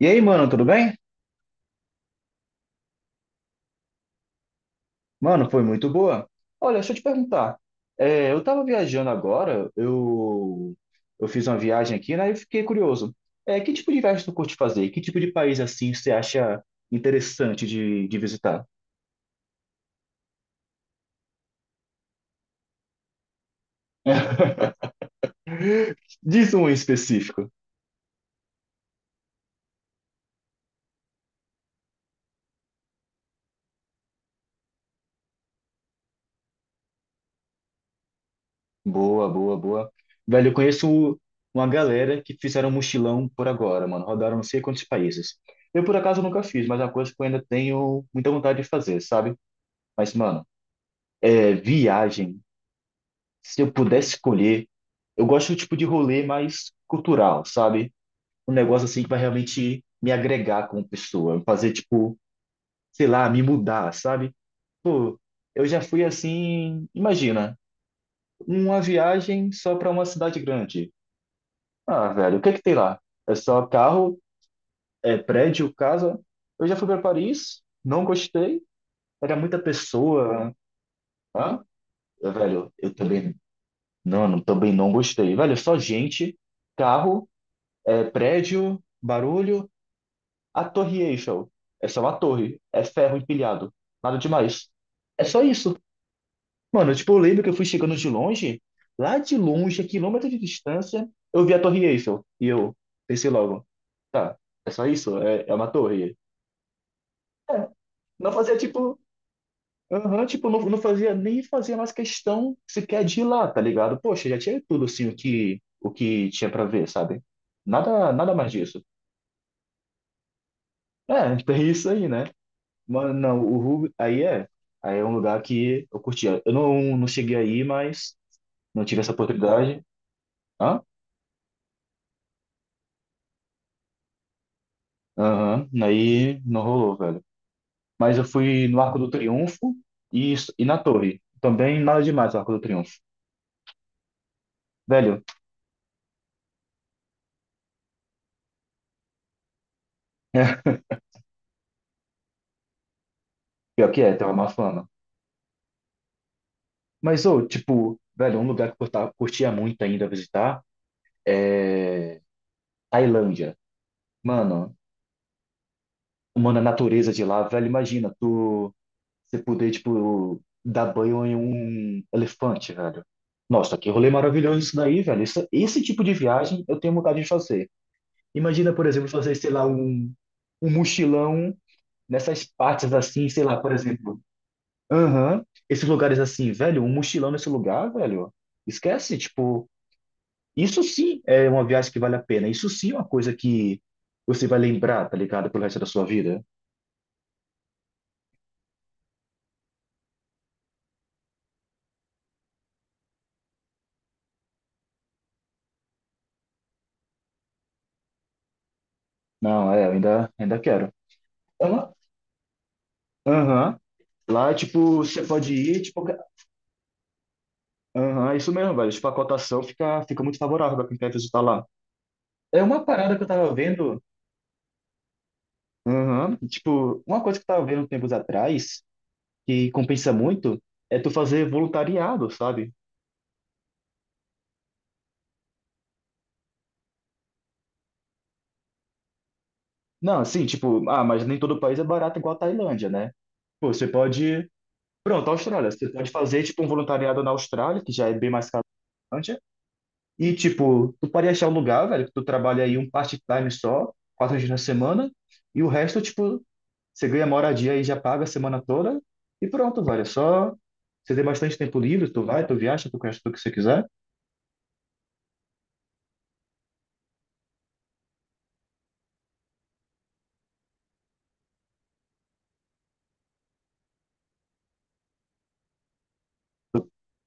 E aí, mano, tudo bem? Mano, foi muito boa. Olha, deixa eu te perguntar. É, eu tava viajando agora, eu fiz uma viagem aqui, né? E fiquei curioso. É, que tipo de viagem tu curte fazer? Que tipo de país assim você acha interessante de visitar? Diz um em específico. Boa, boa, boa. Velho, eu conheço uma galera que fizeram um mochilão por agora, mano. Rodaram não sei quantos países. Eu, por acaso, nunca fiz, mas é uma coisa que eu ainda tenho muita vontade de fazer, sabe? Mas, mano. É, viagem. Se eu pudesse escolher, eu gosto do tipo de rolê mais cultural, sabe? Um negócio assim que vai realmente me agregar como pessoa, fazer tipo, sei lá, me mudar, sabe? Pô, eu já fui assim, imagina, uma viagem só para uma cidade grande. Ah, velho, o que é que tem lá? É só carro, é prédio, casa. Eu já fui para Paris, não gostei, era muita pessoa. Ah, velho, eu também. Não, não, também não gostei. Velho, é só gente, carro, é, prédio, barulho, a torre Eiffel. É só uma torre, é ferro empilhado, nada demais. É só isso. Mano, tipo, eu lembro que eu fui chegando de longe, lá de longe, a quilômetros de distância, eu vi a torre Eiffel. E eu pensei logo, tá, é só isso, é, é uma torre. É, não fazia, tipo, aham, tipo, não, não fazia nem fazia mais questão sequer de ir lá, tá ligado? Poxa, já tinha tudo assim o que tinha pra ver, sabe? Nada mais disso. É, tem isso aí, né? Mas não, o Ruby aí é um lugar que eu curtia. Eu não cheguei aí, mas não tive essa oportunidade. Hã? Aham, aí não rolou, velho. Mas eu fui no Arco do Triunfo e na Torre. Também nada demais o Arco do Triunfo. Velho, pior que é, tem uma má fama. Mas, ô, tipo, velho, um lugar que eu tava- curtia muito ainda visitar é Tailândia. Mano, mano, a natureza de lá, velho, imagina, tu você poder, tipo, dar banho em um elefante, velho. Nossa, que rolê maravilhoso isso daí, velho. Isso- esse tipo de viagem eu tenho vontade de fazer. Imagina, por exemplo, fazer, sei lá, um mochilão nessas partes assim, sei lá, por exemplo. Aham, esses lugares assim, velho, um mochilão nesse lugar, velho. Esquece, tipo. Isso sim é uma viagem que vale a pena. Isso sim é uma coisa que você vai lembrar, tá ligado? Pelo resto da sua vida. Não, é, eu ainda quero. É uma- aham. Lá, tipo, você pode ir, tipo, ca- aham, é isso mesmo, velho. Tipo, a cotação fica muito favorável pra quem quer visitar lá. É uma parada que eu tava vendo, aham, tipo, uma coisa que eu tava vendo tempos atrás, que compensa muito, é tu fazer voluntariado, sabe? Não, assim, tipo, ah, mas nem todo país é barato igual a Tailândia, né? Pô, você pode. Pronto, Austrália. Você pode fazer, tipo, um voluntariado na Austrália, que já é bem mais caro que a Islândia. E, tipo, tu pode achar um lugar, velho, que tu trabalha aí um part-time só, 4 dias na semana, e o resto, tipo, você ganha moradia e já paga a semana toda, e pronto, velho. É só você ter bastante tempo livre, tu vai, tu viaja, tu conhece tudo que você quiser.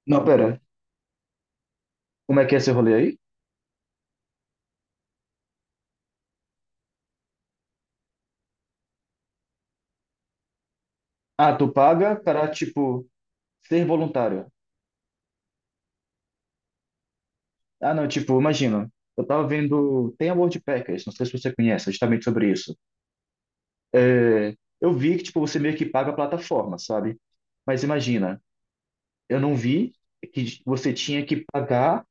Não, pera. Como é que é esse rolê aí? Ah, tu paga para, tipo, ser voluntário. Ah, não, tipo, imagina. Eu tava vendo. Tem a World Packers, não sei se você conhece, justamente sobre isso. É, eu vi que tipo, você meio que paga a plataforma, sabe? Mas imagina, eu não vi que você tinha que pagar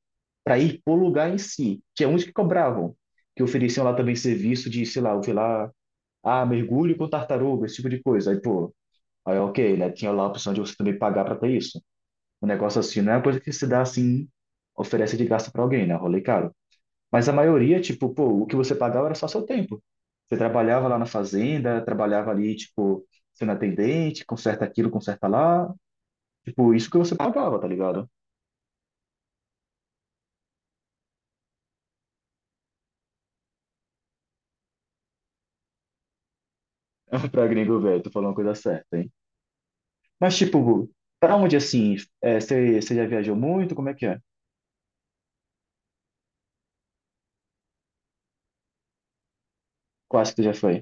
para ir pro lugar em si, que é onde que cobravam, que ofereciam lá também serviço de, sei lá, eu vi lá, ah, mergulho com tartaruga, esse tipo de coisa. Aí, pô, aí ok, né? Tinha lá a opção de você também pagar para ter isso. Um negócio assim, não é uma coisa que se dá assim, oferece de graça para alguém, né? Rolê caro. Mas a maioria, tipo, pô, o que você pagava era só seu tempo. Você trabalhava lá na fazenda, trabalhava ali, tipo, sendo atendente, conserta aquilo, conserta lá. Tipo, isso que você pagava, tá ligado? Pra gringo velho, tu falou uma coisa certa, hein? Mas, tipo, pra onde, assim, é, você já viajou muito? Como é que é? Quase que tu já foi.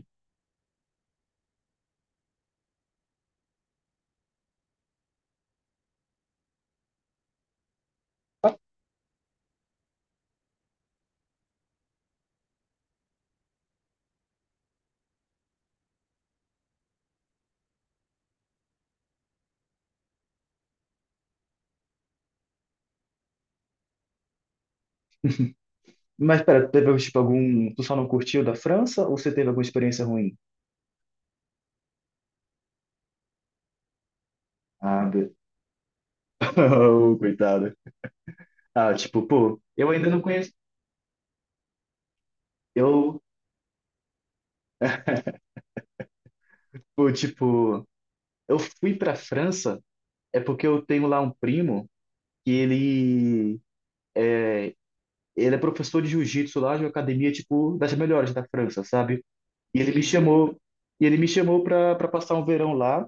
Mas, pera, teve, tipo, algum... Tu só não curtiu da França ou você teve alguma experiência ruim? Ah, be- oh, coitado. Ah, tipo, pô, eu ainda não conheço... Eu, pô, tipo... Eu fui para a França é porque eu tenho lá um primo que ele é professor de jiu-jitsu lá de uma academia tipo das melhores da França, sabe? E ele me chamou e ele me chamou para passar um verão lá,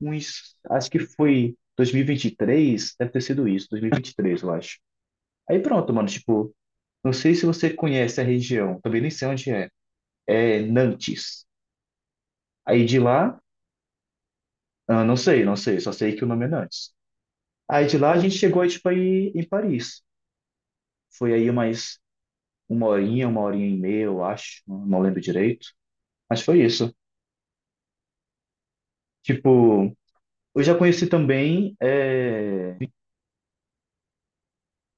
uns acho que foi dois mil e vinte e três deve ter sido isso, 2023, eu acho. Aí pronto, mano, tipo, não sei se você conhece a região, também nem sei onde é. É Nantes. Aí de lá, ah, não sei, não sei, só sei que o nome é Nantes. Aí de lá a gente chegou tipo aí em Paris. Foi aí umas uma horinha e meia, eu acho, não lembro direito. Mas foi isso. Tipo, eu já conheci também, é,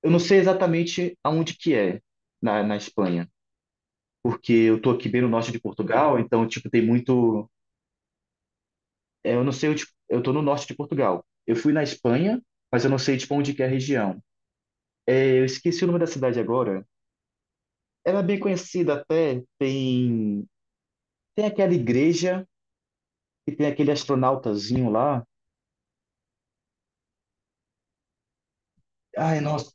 eu não sei exatamente aonde que é na Espanha, porque eu tô aqui bem no norte de Portugal, então, tipo, tem muito, é, eu não sei, eu, tipo, eu tô no norte de Portugal. Eu fui na Espanha, mas eu não sei, tipo, onde que é a região. É, eu esqueci o nome da cidade agora. Ela é bem conhecida até, tem aquela igreja e tem aquele astronautazinho lá. Ai, nossa,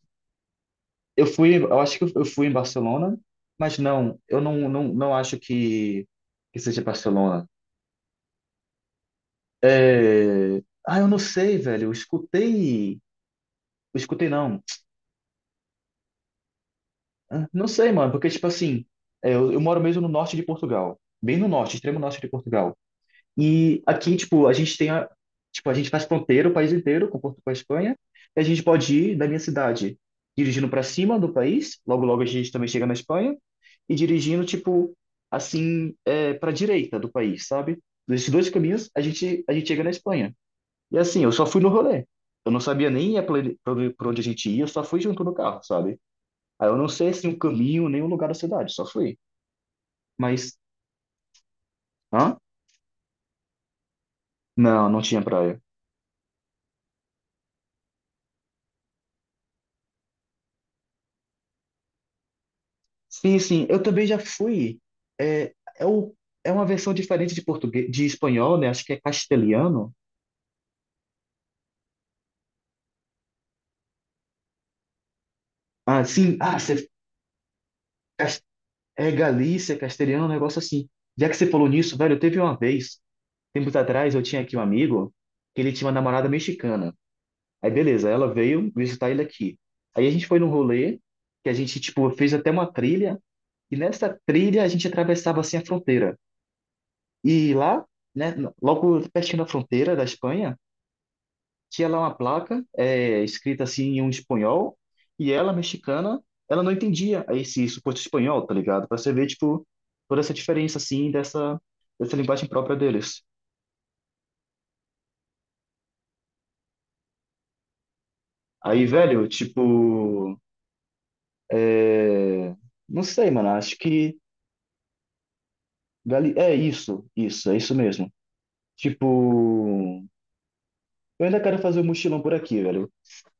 eu fui, eu acho que eu fui em Barcelona, mas não, eu não, não, não acho que seja Barcelona. É... Ah, eu não sei, velho. Eu escutei. Eu escutei, não. Ah, não sei, mano, porque, tipo assim, é, eu moro mesmo no norte de Portugal, bem no norte, extremo norte de Portugal. E aqui, tipo, a gente tem a, tipo, a gente faz fronteira o país inteiro com, Portu- com a Espanha, e a gente pode ir da minha cidade dirigindo para cima do país, logo logo a gente também chega na Espanha, e dirigindo, tipo, assim, é, para direita do país, sabe? Desses dois caminhos, a gente chega na Espanha. E assim, eu só fui no rolê. Eu não sabia nem para onde pra onde a gente ia, eu só fui junto no carro, sabe? Aí eu não sei, assim, o caminho, nem o lugar da cidade, só fui. Mas, hã? Não, não tinha praia. Sim, sim, eu também já fui. É, é, o, é uma versão diferente de português, de espanhol, né? Acho que é castelhano. Ah, sim, ah, você, cas- é Galícia, castelhano, um negócio assim. Já que você falou nisso, velho, teve uma vez, tempos atrás, eu tinha aqui um amigo que ele tinha uma namorada mexicana. Aí, beleza, ela veio visitar ele aqui. Aí a gente foi num rolê, que a gente, tipo, fez até uma trilha, e nessa trilha a gente atravessava, assim, a fronteira. E lá, né, logo pertinho da fronteira da Espanha, tinha lá uma placa é, escrita assim em um espanhol e ela, mexicana, ela não entendia esse suposto espanhol, tá ligado? Pra você ver, tipo, toda essa diferença, assim, dessa linguagem própria deles. Aí, velho, tipo, é, não sei, mano, acho que Gali- é isso, isso, é isso mesmo. Tipo, eu ainda quero fazer um mochilão por aqui, velho.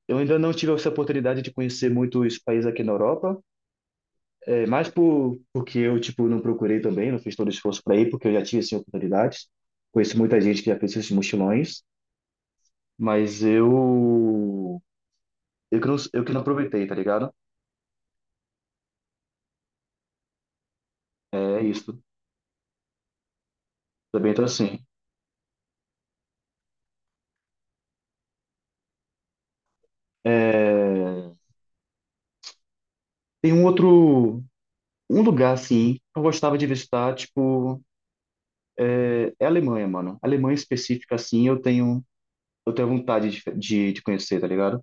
Eu ainda não tive essa oportunidade de conhecer muitos países aqui na Europa, é mais por, porque eu, tipo, não procurei também, não fiz todo o esforço para ir, porque eu já tive, assim, oportunidades. Conheço muita gente que já fez esses mochilões, mas eu... eu que não aproveitei, tá ligado? É isso. Também então, assim... É... Tem um outro... Um lugar, assim, que eu gostava de visitar, tipo... É, é a Alemanha, mano. A Alemanha específica, assim, eu tenho... Eu tenho vontade de conhecer, tá ligado?